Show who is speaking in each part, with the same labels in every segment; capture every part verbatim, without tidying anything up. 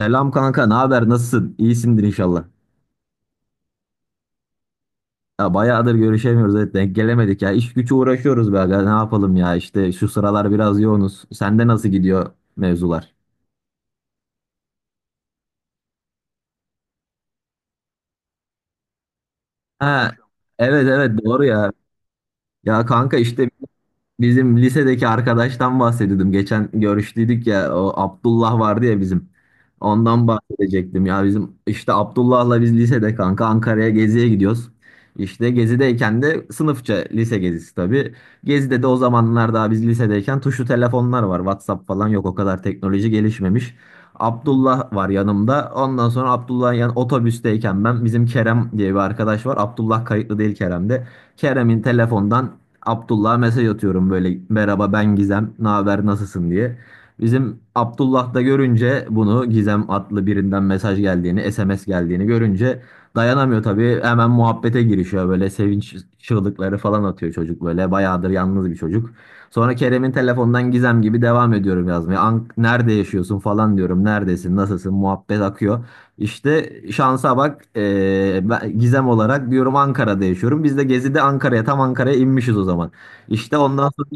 Speaker 1: Selam kanka, ne haber? Nasılsın? İyisindir inşallah. Ya bayağıdır görüşemiyoruz, evet denk gelemedik ya. İş gücü uğraşıyoruz be aga, ne yapalım ya? İşte şu sıralar biraz yoğunuz. Sende nasıl gidiyor mevzular? Ha, evet evet, doğru ya. Ya kanka işte bizim lisedeki arkadaştan bahsediyordum. Geçen görüştüydük ya, o Abdullah vardı ya bizim. Ondan bahsedecektim ya, bizim işte Abdullah'la biz lisede kanka Ankara'ya geziye gidiyoruz. İşte gezideyken de sınıfça, lise gezisi tabii. Gezide de o zamanlar, daha biz lisedeyken, tuşlu telefonlar var. WhatsApp falan yok, o kadar teknoloji gelişmemiş. Abdullah var yanımda. Ondan sonra Abdullah'ın yan otobüsteyken, ben bizim Kerem diye bir arkadaş var, Abdullah kayıtlı değil Kerem'de. Kerem'in telefondan Abdullah'a mesaj atıyorum böyle, merhaba ben Gizem, ne haber, nasılsın diye. Bizim Abdullah da görünce bunu, Gizem adlı birinden mesaj geldiğini, S M S geldiğini görünce, dayanamıyor tabii, hemen muhabbete girişiyor, böyle sevinç çığlıkları falan atıyor çocuk, böyle bayağıdır yalnız bir çocuk. Sonra Kerem'in telefondan Gizem gibi devam ediyorum yazmaya. Ank, nerede yaşıyorsun falan diyorum, neredesin, nasılsın, muhabbet akıyor. İşte şansa bak, eee, ben Gizem olarak diyorum Ankara'da yaşıyorum. Biz de Gezi'de Ankara'ya, tam Ankara'ya inmişiz o zaman. İşte ondan sonra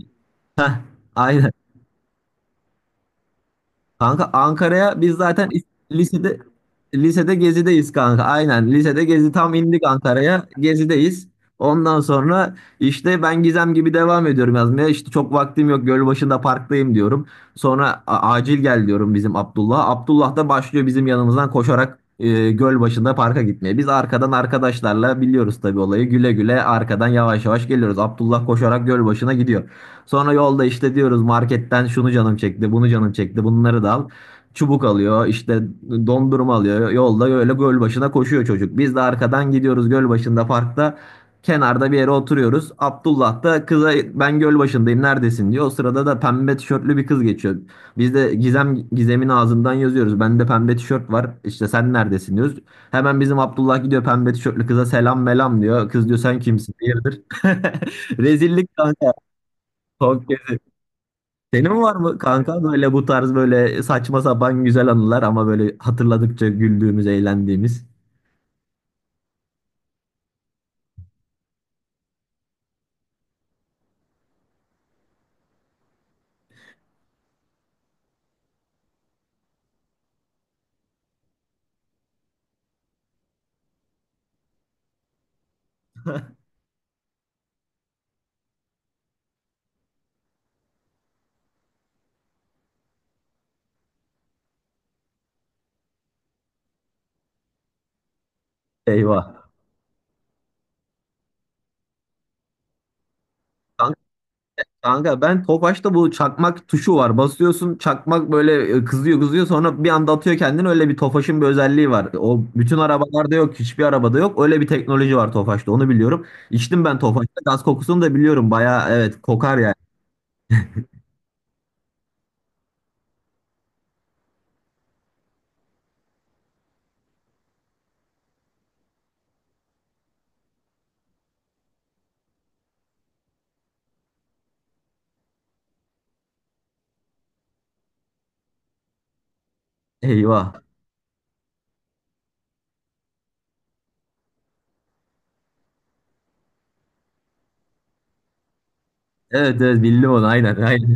Speaker 1: aynen. Kanka Ankara'ya biz zaten is- lisede lisede gezideyiz kanka. Aynen, lisede gezi, tam indik Ankara'ya, gezideyiz. Ondan sonra işte ben Gizem gibi devam ediyorum yazmaya. İşte çok vaktim yok, Gölbaşı'nda parktayım diyorum. Sonra "A- acil gel diyorum bizim Abdullah'a. Abdullah da başlıyor, bizim yanımızdan koşarak e, Gölbaşı'nda parka gitmeye. Biz arkadan, arkadaşlarla biliyoruz tabii olayı. Güle güle arkadan yavaş yavaş geliyoruz. Abdullah koşarak Gölbaşı'na gidiyor. Sonra yolda işte diyoruz, marketten şunu canım çekti, bunu canım çekti, bunları da al. Çubuk alıyor, işte dondurma alıyor. Yolda öyle göl başına koşuyor çocuk. Biz de arkadan gidiyoruz, göl başında parkta. Kenarda bir yere oturuyoruz. Abdullah da kıza, ben göl başındayım neredesin diyor. O sırada da pembe tişörtlü bir kız geçiyor. Biz de Gizem Gizem'in ağzından yazıyoruz, bende pembe tişört var, İşte sen neredesin diyoruz. Hemen bizim Abdullah gidiyor pembe tişörtlü kıza, selam melam diyor. Kız diyor sen kimsin? Hayırdır? Rezillik kanka. Senin var mı kanka böyle, bu tarz böyle saçma sapan güzel anılar, ama böyle hatırladıkça güldüğümüz, eğlendiğimiz? Eyvah. Kanka, kanka, ben Tofaş'ta bu çakmak tuşu var. Basıyorsun çakmak böyle, e, kızıyor kızıyor, sonra bir anda atıyor kendini. Öyle bir Tofaş'ın bir özelliği var. O bütün arabalarda yok, hiçbir arabada yok. Öyle bir teknoloji var Tofaş'ta, onu biliyorum. İçtim ben Tofaş'ta, gaz kokusunu da biliyorum. Baya evet, kokar yani. Eyvah. Evet evet, bildim onu, aynen aynen.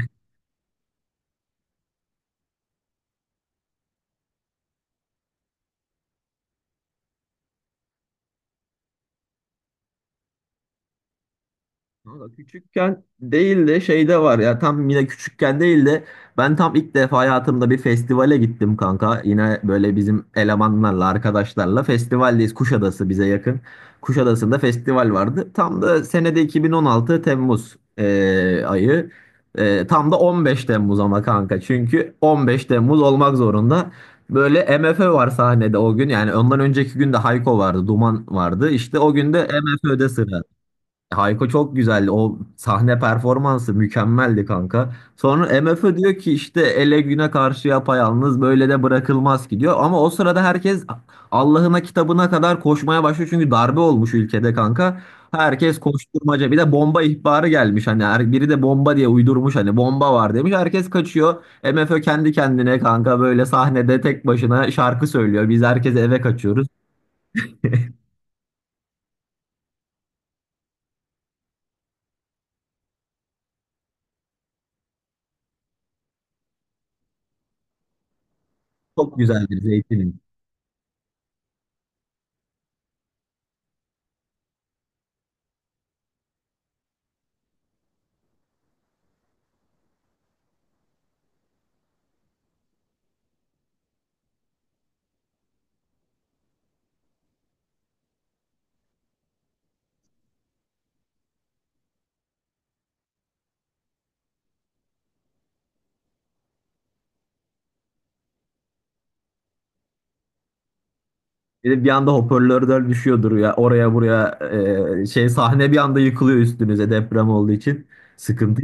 Speaker 1: Valla küçükken değil de, şeyde var ya, tam yine küçükken değil de, ben tam ilk defa hayatımda bir festivale gittim kanka. Yine böyle bizim elemanlarla, arkadaşlarla festivaldeyiz, Kuşadası bize yakın. Kuşadası'nda festival vardı. Tam da senede iki bin on altı Temmuz eee, ayı. Eee, tam da on beş Temmuz, ama kanka çünkü on beş Temmuz olmak zorunda. Böyle MFÖ var sahnede o gün, yani ondan önceki gün de Hayko vardı, Duman vardı, işte o gün de MFÖ'de sıra. Hayko çok güzeldi. O sahne performansı mükemmeldi kanka. Sonra MFÖ diyor ki, işte ele güne karşı yapayalnız böyle de bırakılmaz ki diyor. Ama o sırada herkes Allah'ına kitabına kadar koşmaya başlıyor. Çünkü darbe olmuş ülkede kanka. Herkes koşturmaca. Bir de bomba ihbarı gelmiş. Hani her- biri de bomba diye uydurmuş, hani bomba var demiş. Herkes kaçıyor. MFÖ kendi kendine kanka böyle sahnede tek başına şarkı söylüyor. Biz, herkes eve kaçıyoruz. Çok güzeldir Zeytin'in. Bir de bir anda hoparlörler düşüyordur ya oraya buraya, e, şey sahne bir anda yıkılıyor üstünüze, deprem olduğu için. Sıkıntı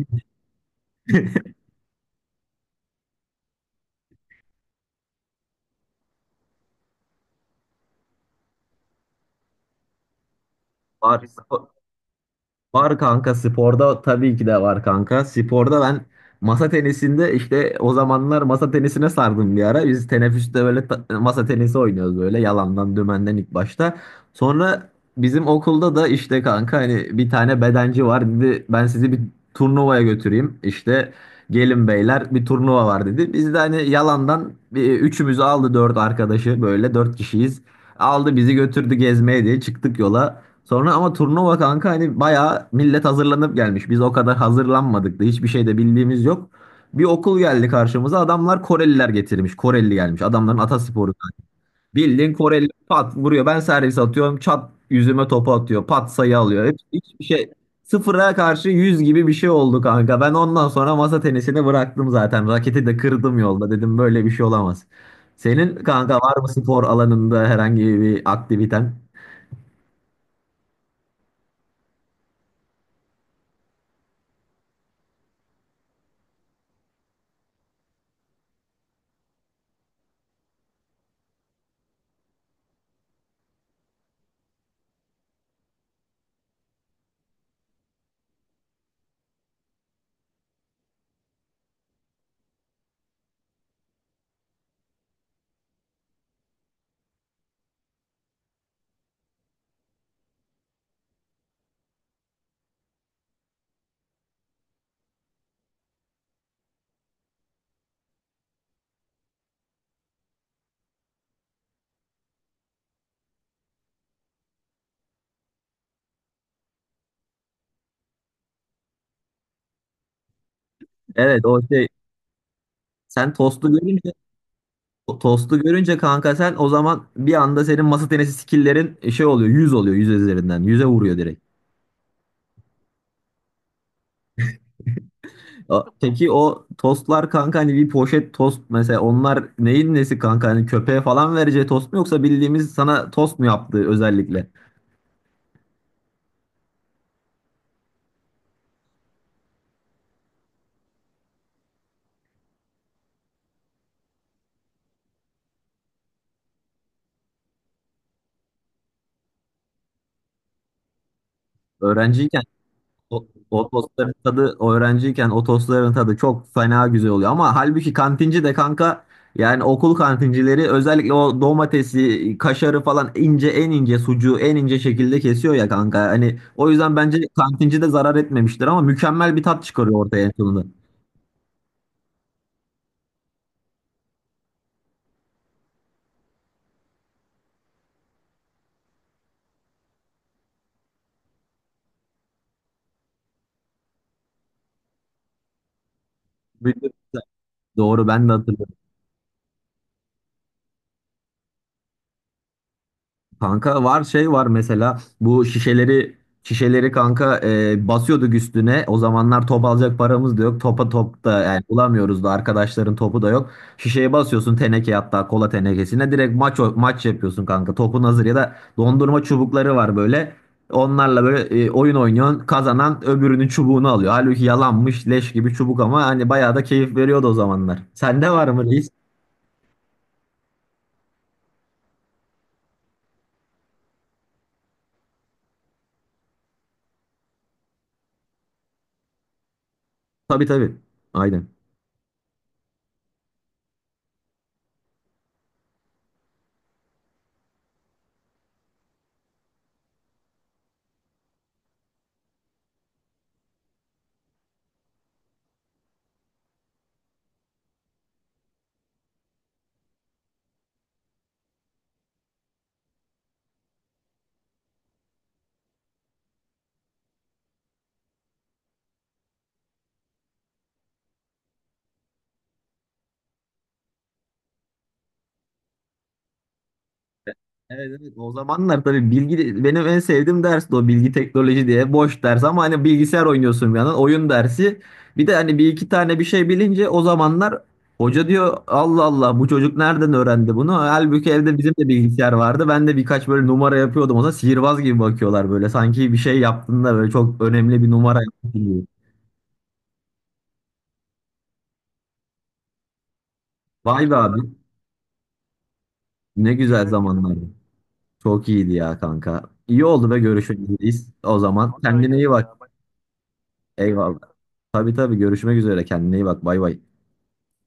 Speaker 1: var. Var kanka, sporda tabii ki de var kanka. Sporda ben masa tenisinde işte, o zamanlar masa tenisine sardım bir ara. Biz teneffüste böyle ta- masa tenisi oynuyoruz böyle, yalandan dümenden ilk başta. Sonra bizim okulda da işte kanka, hani bir tane bedenci var, dedi ben sizi bir turnuvaya götüreyim. İşte gelin beyler, bir turnuva var dedi. Biz de hani yalandan, bir, üçümüzü aldı, dört arkadaşı, böyle dört kişiyiz. Aldı bizi götürdü gezmeye diye çıktık yola. Sonra ama turnuva kanka, hani bayağı millet hazırlanıp gelmiş. Biz o kadar hazırlanmadık da hiçbir şey de bildiğimiz yok. Bir okul geldi karşımıza, adamlar Koreliler getirmiş. Koreli gelmiş, adamların atasporu. Bildiğin Koreli pat vuruyor, ben servis atıyorum, çat yüzüme topu atıyor, pat sayı alıyor. Hep, hiçbir şey, sıfıra karşı yüz gibi bir şey oldu kanka. Ben ondan sonra masa tenisini bıraktım zaten. Raketi de kırdım yolda, dedim böyle bir şey olamaz. Senin kanka var mı spor alanında herhangi bir aktiviten? Evet, o şey Sen tostu görünce o tostu görünce kanka, sen o zaman bir anda senin masa tenisi skill'lerin şey oluyor, yüz oluyor, yüz üzerinden yüze vuruyor direkt. O- Peki o tostlar kanka, hani bir poşet tost mesela, onlar neyin nesi kanka, hani köpeğe falan vereceği tost mu, yoksa bildiğimiz sana tost mu yaptığı özellikle? Öğrenciyken O, o tostların tadı, öğrenciyken o tostların tadı çok fena güzel oluyor. Ama halbuki kantinci de kanka, yani okul kantincileri özellikle o domatesi, kaşarı falan ince, en ince sucuğu en ince şekilde kesiyor ya kanka. Hani o yüzden bence kantinci de zarar etmemiştir, ama mükemmel bir tat çıkarıyor ortaya en sonunda. Bütün- Doğru, ben de hatırlıyorum. Kanka var, şey var mesela, bu şişeleri şişeleri kanka e, basıyorduk üstüne. O zamanlar top alacak paramız da yok. Topa top da yani bulamıyoruz da, arkadaşların topu da yok. Şişeye basıyorsun, teneke, hatta kola tenekesine direkt maç o- maç yapıyorsun kanka. Topun hazır, ya da dondurma çubukları var böyle. Onlarla böyle e, oyun oynuyorsun. Kazanan öbürünün çubuğunu alıyor. Halbuki yalanmış leş gibi çubuk, ama hani bayağı da keyif veriyordu o zamanlar. Sende var mı reis? Tabii tabii. Aynen. Evet, evet. O zamanlar tabii bilgi, benim en sevdiğim ders de o, bilgi teknoloji diye boş ders, ama hani bilgisayar oynuyorsun bir yandan, oyun dersi. Bir de hani bir iki tane bir şey bilince, o zamanlar hoca diyor, Allah Allah, bu çocuk nereden öğrendi bunu? Halbuki evde bizim de bilgisayar vardı, ben de birkaç böyle numara yapıyordum. O zaman sihirbaz gibi bakıyorlar böyle. Sanki bir şey yaptın da, böyle çok önemli bir numara yaptın gibi. Vay be abi, ne güzel zamanlardı. Çok iyiydi ya kanka. İyi oldu, ve görüşürüz. O zaman kendine iyi bak. Eyvallah. Tabii tabii, görüşmek üzere. Kendine iyi bak. Bay bay.